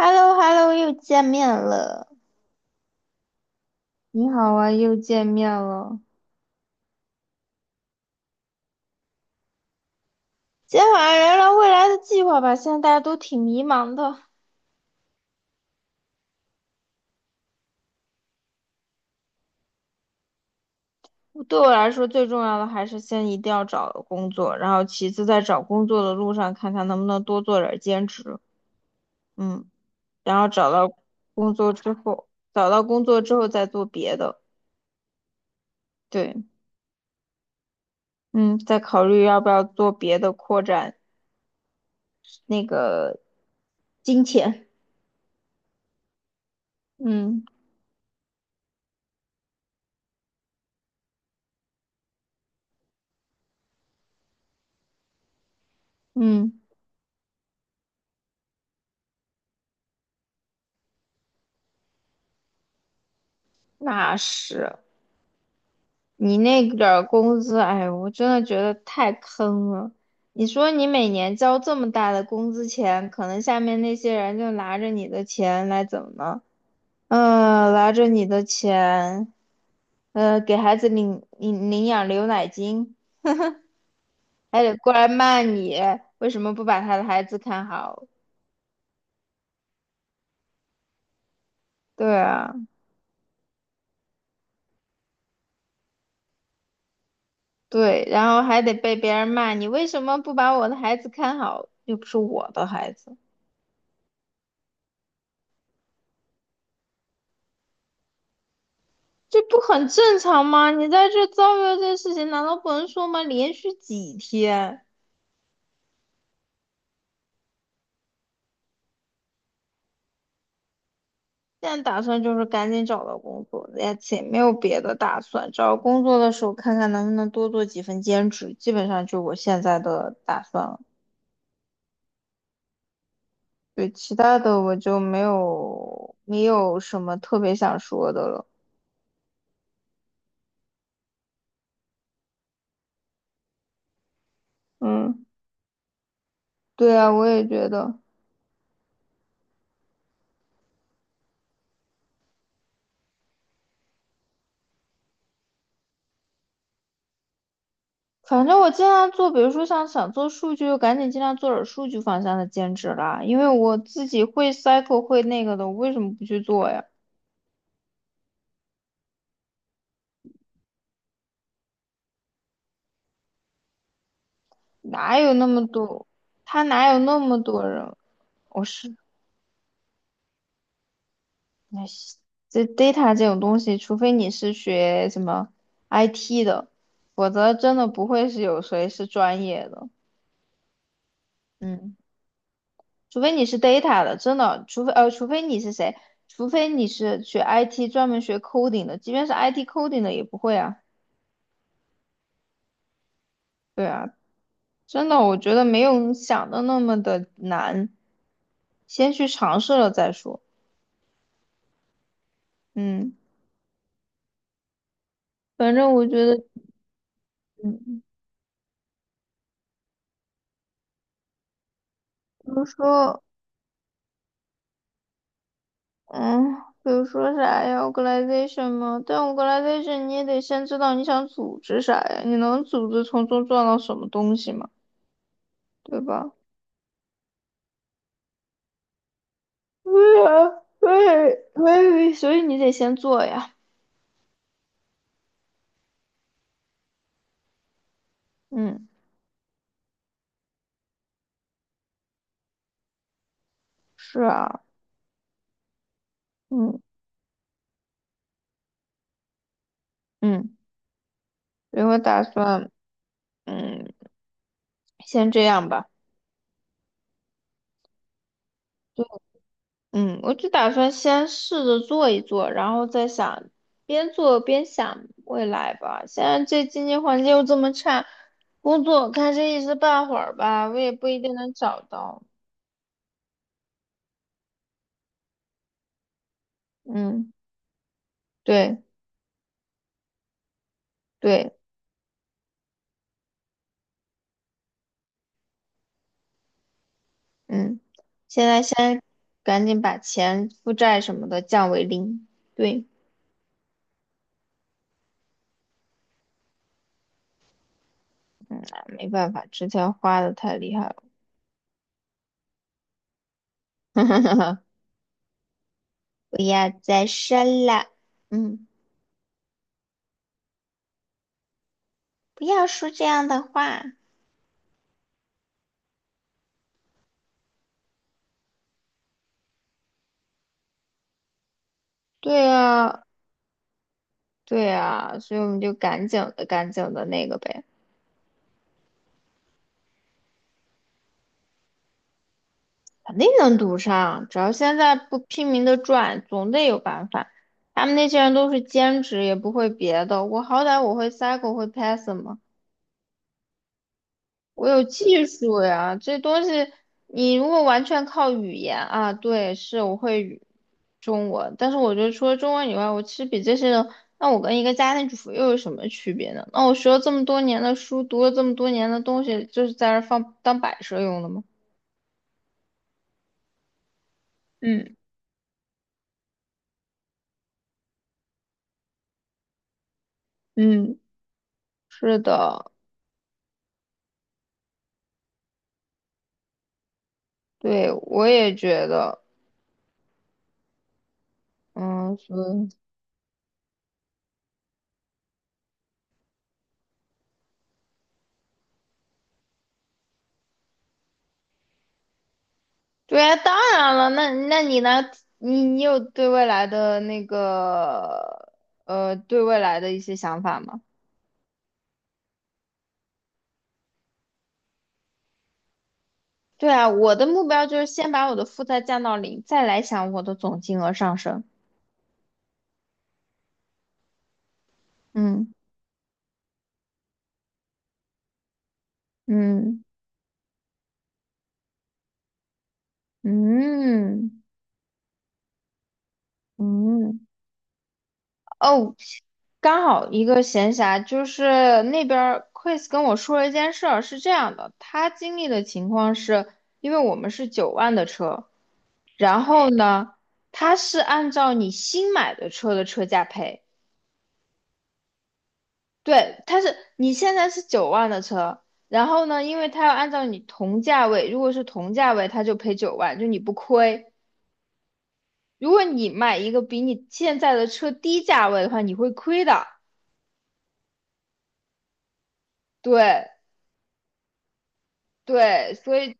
h e l l o h e l l o 又见面了。你好啊，又见面了。今天晚上聊聊未来的计划吧。现在大家都挺迷茫的。对我来说，最重要的还是先一定要找工作，然后其次在找工作的路上，看看能不能多做点儿兼职。嗯，然后工作之后，找到工作之后再做别的。对，嗯，再考虑要不要做别的，扩展那个金钱。嗯嗯，那是。你那点儿工资，哎，我真的觉得太坑了。你说你每年交这么大的工资钱，可能下面那些人就拿着你的钱来怎么呢？拿着你的钱，给孩子领养牛奶金，还得过来骂你，为什么不把他的孩子看好？对啊，对，然后还得被别人骂你为什么不把我的孩子看好，又不是我的孩子。这不很正常吗？你在这遭遇了这事情，难道不能说吗？连续几天，现在打算就是赶紧找到工作，也且没有别的打算。找工作的时候看看能不能多做几份兼职，基本上就我现在的打算了。对，其他的我就没有什么特别想说的了。嗯，对啊，我也觉得。反正我尽量做，比如说像想做数据，就赶紧尽量做点数据方向的兼职啦。因为我自己会 cycle 会那个的，我为什么不去做呀？哪有那么多？他哪有那么多人？我是，哎，这 data 这种东西，除非你是学什么 IT 的，否则真的不会是有谁是专业的。嗯，除非你是 data 的，真的，除非你是谁？除非你是学 IT 专门学 coding 的，即便是 IT coding 的也不会啊。对啊，真的，我觉得没有你想的那么的难，先去尝试了再说。嗯，反正我觉得，嗯，比如说，嗯，比如说啥呀，organization 嘛，但 organization 你也得先知道你想组织啥呀，你能组织从中赚到什么东西嘛，对吧？对啊，对，对，所以你得先做呀。嗯，是啊，嗯嗯，所以我打算，嗯，先这样吧。嗯，我就打算先试着做一做，然后再想，边做边想未来吧。现在这经济环境又这么差，工作看这一时半会儿吧，我也不一定能找到。嗯，对对，嗯，现在先赶紧把钱、负债什么的降为零。对，嗯，没办法，之前花的太厉害了，不要再生了。嗯，不要说这样的话。对啊。对啊，所以我们就赶紧的那个呗，肯定能读上。只要现在不拼命的赚，总得有办法。他们那些人都是兼职，也不会别的。我好歹我会 Cycle，会 Python 嘛，我有技术呀。这东西你如果完全靠语言啊，对，是我会中文，但是我觉得除了中文以外，我其实比这些人，那我跟一个家庭主妇又有什么区别呢？那我学了这么多年的书，读了这么多年的东西，就是在这儿放当摆设用的吗？嗯嗯，是的，对，我也觉得，嗯，所以，对啊，当然了，那你呢？你有对未来的那个，对未来的一些想法吗？对啊，我的目标就是先把我的负债降到零，再来想我的总金额上升。嗯嗯嗯嗯。哦，刚好一个闲暇，就是那边儿 Chris 跟我说了一件事儿，是这样的，他经历的情况是，因为我们是九万的车，然后呢，他是按照你新买的车的车价赔，对，他是你现在是九万的车，然后呢，因为他要按照你同价位，如果是同价位，他就赔九万，就你不亏，如果你买一个比你现在的车低价位的话，你会亏的，对。对，所以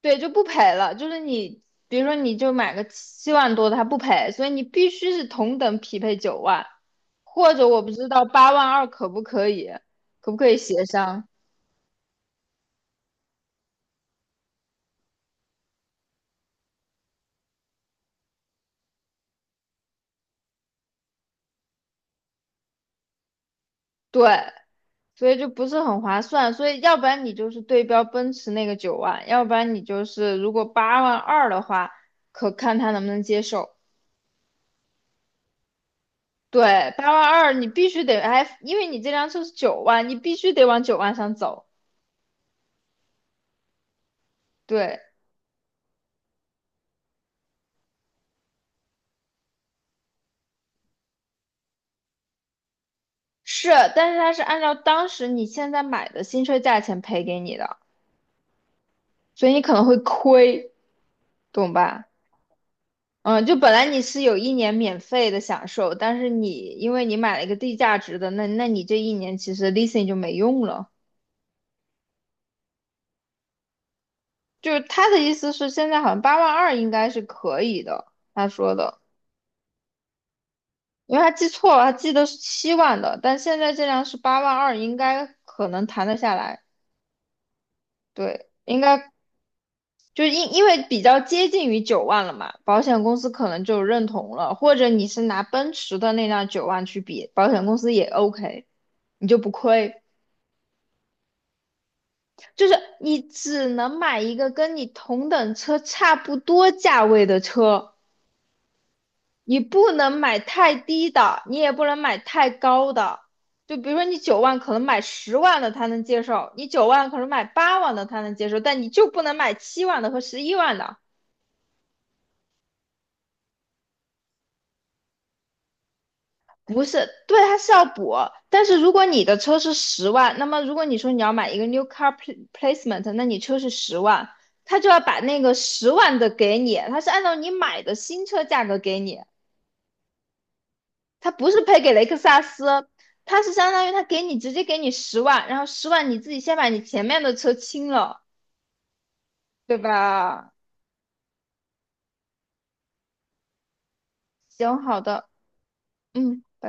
对，就不赔了。就是你，比如说你就买个7万多的，它不赔，所以你必须是同等匹配九万，或者我不知道八万二可不可以，可不可以协商？对，所以就不是很划算。所以要不然你就是对标奔驰那个九万，要不然你就是如果八万二的话，可看他能不能接受。对，八万二你必须得，哎，因为你这辆车是九万，你必须得往九万上走。对。是，但是他是按照当时你现在买的新车价钱赔给你的，所以你可能会亏，懂吧？嗯，就本来你是有一年免费的享受，但是你因为你买了一个低价值的，那你这一年其实 leasing 就没用了。就是他的意思是，现在好像八万二应该是可以的，他说的，因为他记错了，他记得是七万的，但现在这辆是八万二，应该可能谈得下来，对，应该就是因为比较接近于九万了嘛，保险公司可能就认同了，或者你是拿奔驰的那辆九万去比，保险公司也 OK，你就不亏。就是你只能买一个跟你同等车差不多价位的车，你不能买太低的，你也不能买太高的。就比如说你九万可能买十万的他能接受，你九万可能买八万的他能接受，但你就不能买七万的和11万的。不是，对，他是要补。但是如果你的车是十万，那么如果你说你要买一个 new car placement，那你车是十万，他就要把那个十万的给你，他是按照你买的新车价格给你，他不是赔给雷克萨斯，他是相当于他给你直接给你十万，然后十万你自己先把你前面的车清了，对吧？行，好的，嗯，拜拜。